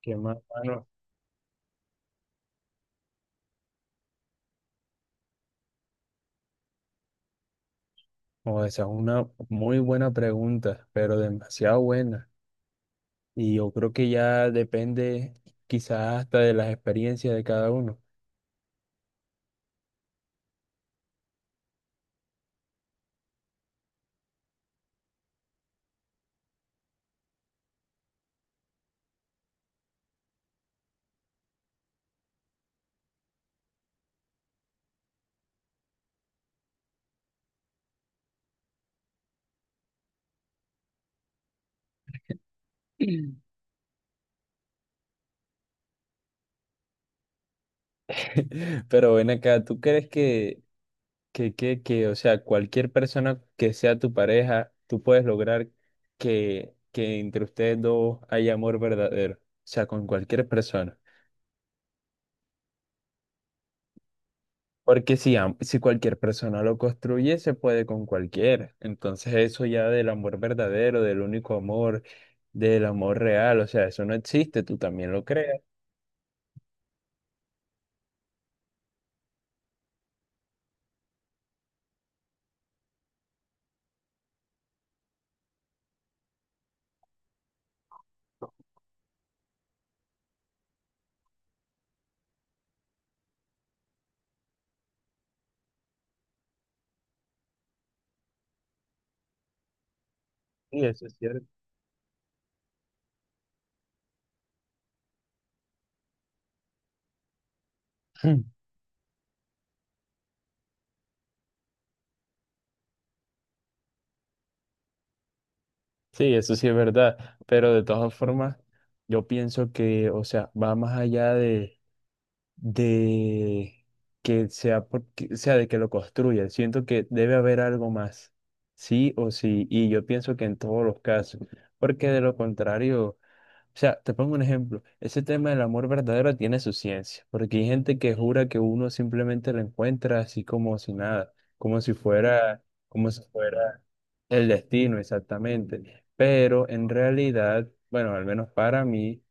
Qué más, mano. O esa es una muy buena pregunta, pero demasiado buena. Y yo creo que ya depende quizás hasta de las experiencias de cada uno. Mm. Pero ven acá, ¿tú crees que, o sea, cualquier persona que sea tu pareja, tú puedes lograr que, entre ustedes dos haya amor verdadero? O sea, con cualquier persona. Porque si, si cualquier persona lo construye, se puede con cualquiera. Entonces eso ya del amor verdadero, del único amor, del amor real, o sea, eso no existe, tú también lo creas. Sí, eso es cierto. Sí, eso sí es verdad. Pero de todas formas, yo pienso que, o sea, va más allá de que sea porque, sea, de que lo construya. Siento que debe haber algo más, sí o sí. Y yo pienso que en todos los casos, porque de lo contrario... O sea, te pongo un ejemplo. Ese tema del amor verdadero tiene su ciencia, porque hay gente que jura que uno simplemente lo encuentra así como si nada, como si fuera el destino exactamente. Pero en realidad, bueno, al menos para mí,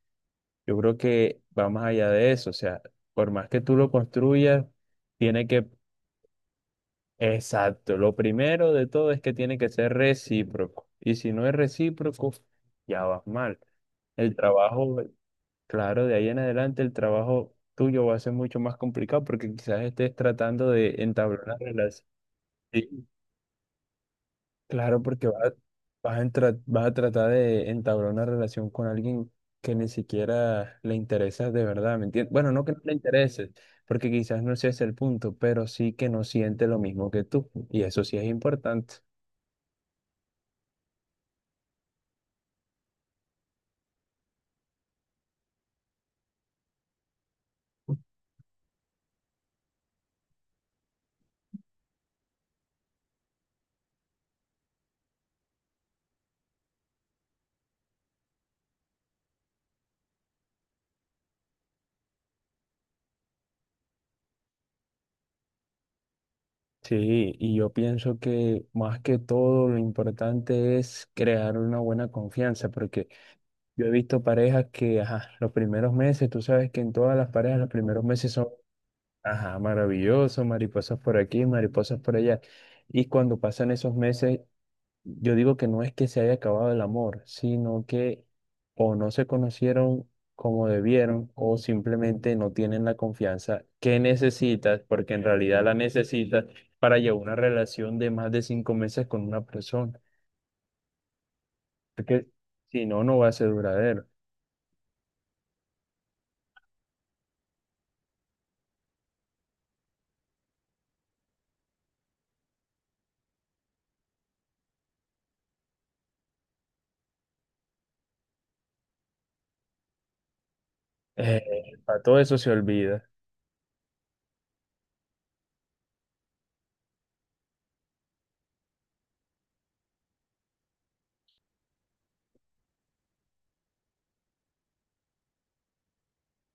yo creo que va más allá de eso. O sea, por más que tú lo construyas, tiene que, exacto, lo primero de todo es que tiene que ser recíproco. Y si no es recíproco, ya vas mal. El trabajo Claro, de ahí en adelante el trabajo tuyo va a ser mucho más complicado porque quizás estés tratando de entablar una relación. Sí, claro, porque vas, vas a tratar de entablar una relación con alguien que ni siquiera le interesa de verdad, ¿me entiendes? Bueno, no que no le interese, porque quizás no sea ese el punto, pero sí que no siente lo mismo que tú. Y eso sí es importante. Sí, y yo pienso que más que todo lo importante es crear una buena confianza, porque yo he visto parejas que, ajá, los primeros meses, tú sabes que en todas las parejas los primeros meses son, ajá, maravillosos, mariposas por aquí, mariposas por allá. Y cuando pasan esos meses, yo digo que no es que se haya acabado el amor, sino que o no se conocieron como debieron o simplemente no tienen la confianza que necesitas, porque en realidad la necesitas para llevar una relación de más de 5 meses con una persona, porque si no, no va a ser duradero. Eh, para todo eso se olvida.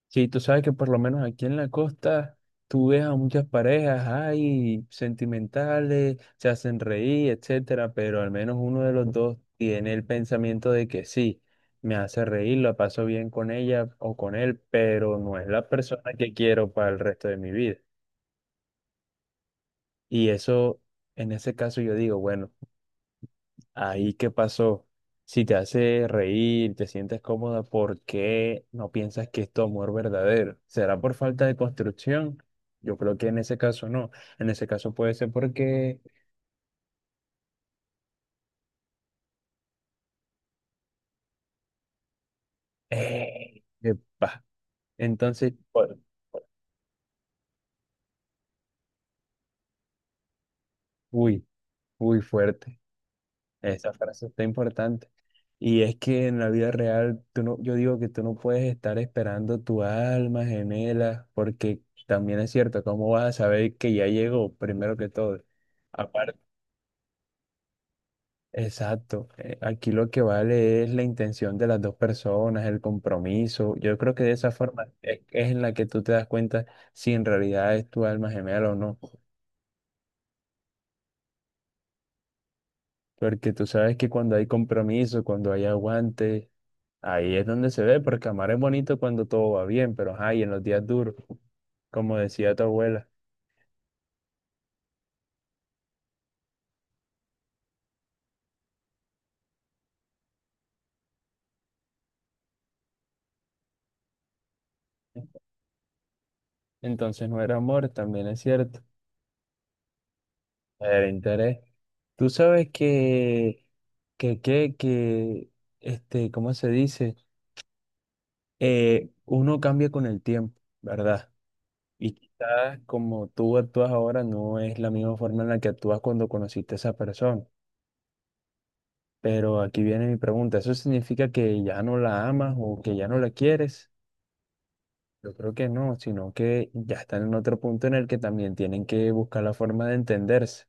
Sí, tú sabes que por lo menos aquí en la costa tú ves a muchas parejas, hay sentimentales, se hacen reír, etcétera, pero al menos uno de los dos tiene el pensamiento de que sí, me hace reír, la paso bien con ella o con él, pero no es la persona que quiero para el resto de mi vida. Y eso, en ese caso yo digo, bueno. Ahí, ¿qué pasó? Si te hace reír, te sientes cómoda, ¿por qué no piensas que es tu amor verdadero? ¿Será por falta de construcción? Yo creo que en ese caso no. En ese caso puede ser porque... ¡Eh! ¡Epa! Entonces, por- uy, uy, fuerte. Esa frase está importante. Y es que en la vida real, tú no, yo digo que tú no puedes estar esperando tu alma gemela, porque también es cierto, ¿cómo vas a saber que ya llegó primero que todo? Aparte, exacto. Aquí lo que vale es la intención de las dos personas, el compromiso. Yo creo que de esa forma es en la que tú te das cuenta si en realidad es tu alma gemela o no. Porque tú sabes que cuando hay compromiso, cuando hay aguante, ahí es donde se ve, porque amar es bonito cuando todo va bien, pero ajá, y en los días duros, como decía tu abuela. Entonces no era amor, también es cierto, era interés. Tú sabes que, que, que, este, ¿cómo se dice? Uno cambia con el tiempo, ¿verdad? Y quizás como tú actúas ahora no es la misma forma en la que actúas cuando conociste a esa persona. Pero aquí viene mi pregunta, ¿eso significa que ya no la amas o que ya no la quieres? Yo creo que no, sino que ya están en otro punto en el que también tienen que buscar la forma de entenderse.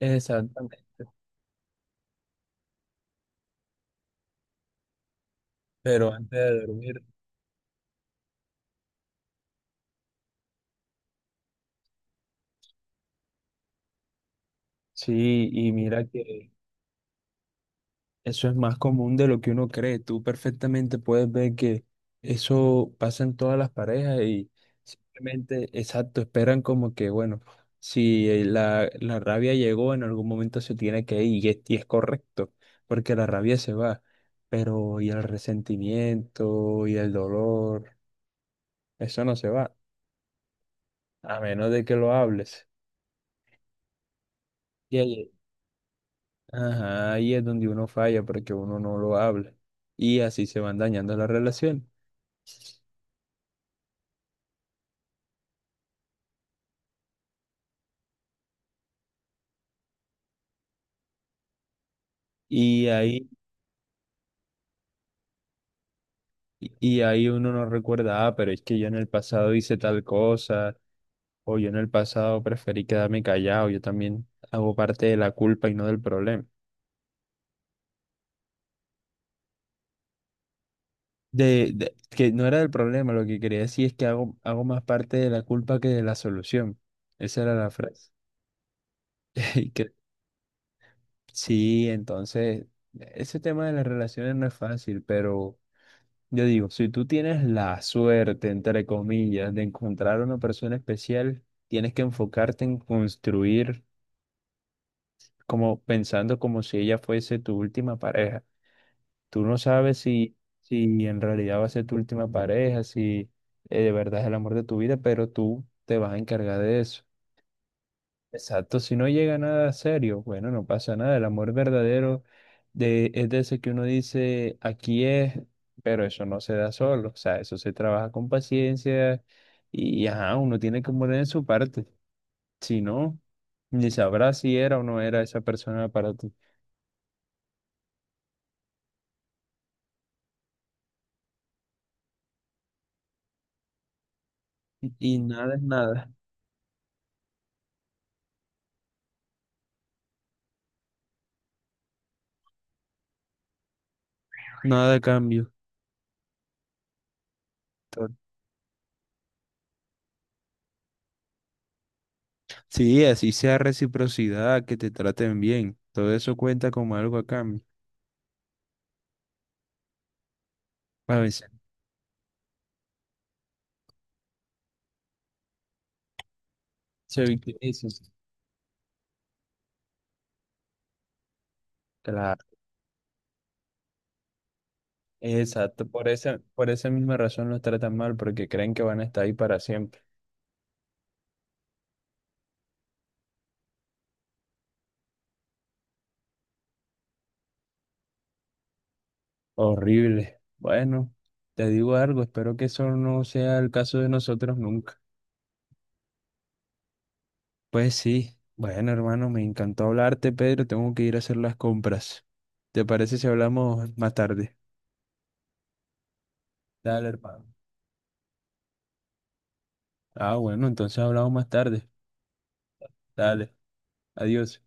Exactamente. Pero antes de dormir. Sí, y mira que eso es más común de lo que uno cree. Tú perfectamente puedes ver que eso pasa en todas las parejas y simplemente, exacto, esperan como que, bueno, si la rabia llegó, en algún momento se tiene que ir y es correcto, porque la rabia se va, pero y el resentimiento y el dolor, eso no se va, a menos de que lo hables. Y ahí, ajá, ahí es donde uno falla porque uno no lo habla y así se van dañando las relaciones. Y ahí, y ahí uno no recuerda, ah, pero es que yo en el pasado hice tal cosa, o yo en el pasado preferí quedarme callado, yo también hago parte de la culpa y no del problema. Que no era del problema, lo que quería decir es que hago, hago más parte de la culpa que de la solución. Esa era la frase. Y que, sí, entonces, ese tema de las relaciones no es fácil, pero... Yo digo, si tú tienes la suerte, entre comillas, de encontrar a una persona especial, tienes que enfocarte en construir como pensando como si ella fuese tu última pareja. Tú no sabes si, si en realidad va a ser tu última pareja, si de verdad es el amor de tu vida, pero tú te vas a encargar de eso. Exacto, si no llega nada serio, bueno, no pasa nada. El amor verdadero es de ese que uno dice, aquí es, pero eso no se da solo. O sea, eso se trabaja con paciencia y ajá, uno tiene que poner en su parte. Si no, ni sabrá si era o no era esa persona para ti. Y nada es nada, nada de cambio. To- Sí, así sea reciprocidad, que te traten bien. Todo eso cuenta como algo a cambio. A veces se victimizan. Claro. Exacto, por esa misma razón los tratan mal, porque creen que van a estar ahí para siempre. Horrible. Bueno, te digo algo, espero que eso no sea el caso de nosotros nunca. Pues sí, bueno, hermano, me encantó hablarte, Pedro, tengo que ir a hacer las compras. ¿Te parece si hablamos más tarde? Dale, hermano. Ah, bueno, entonces hablamos más tarde. Dale, adiós.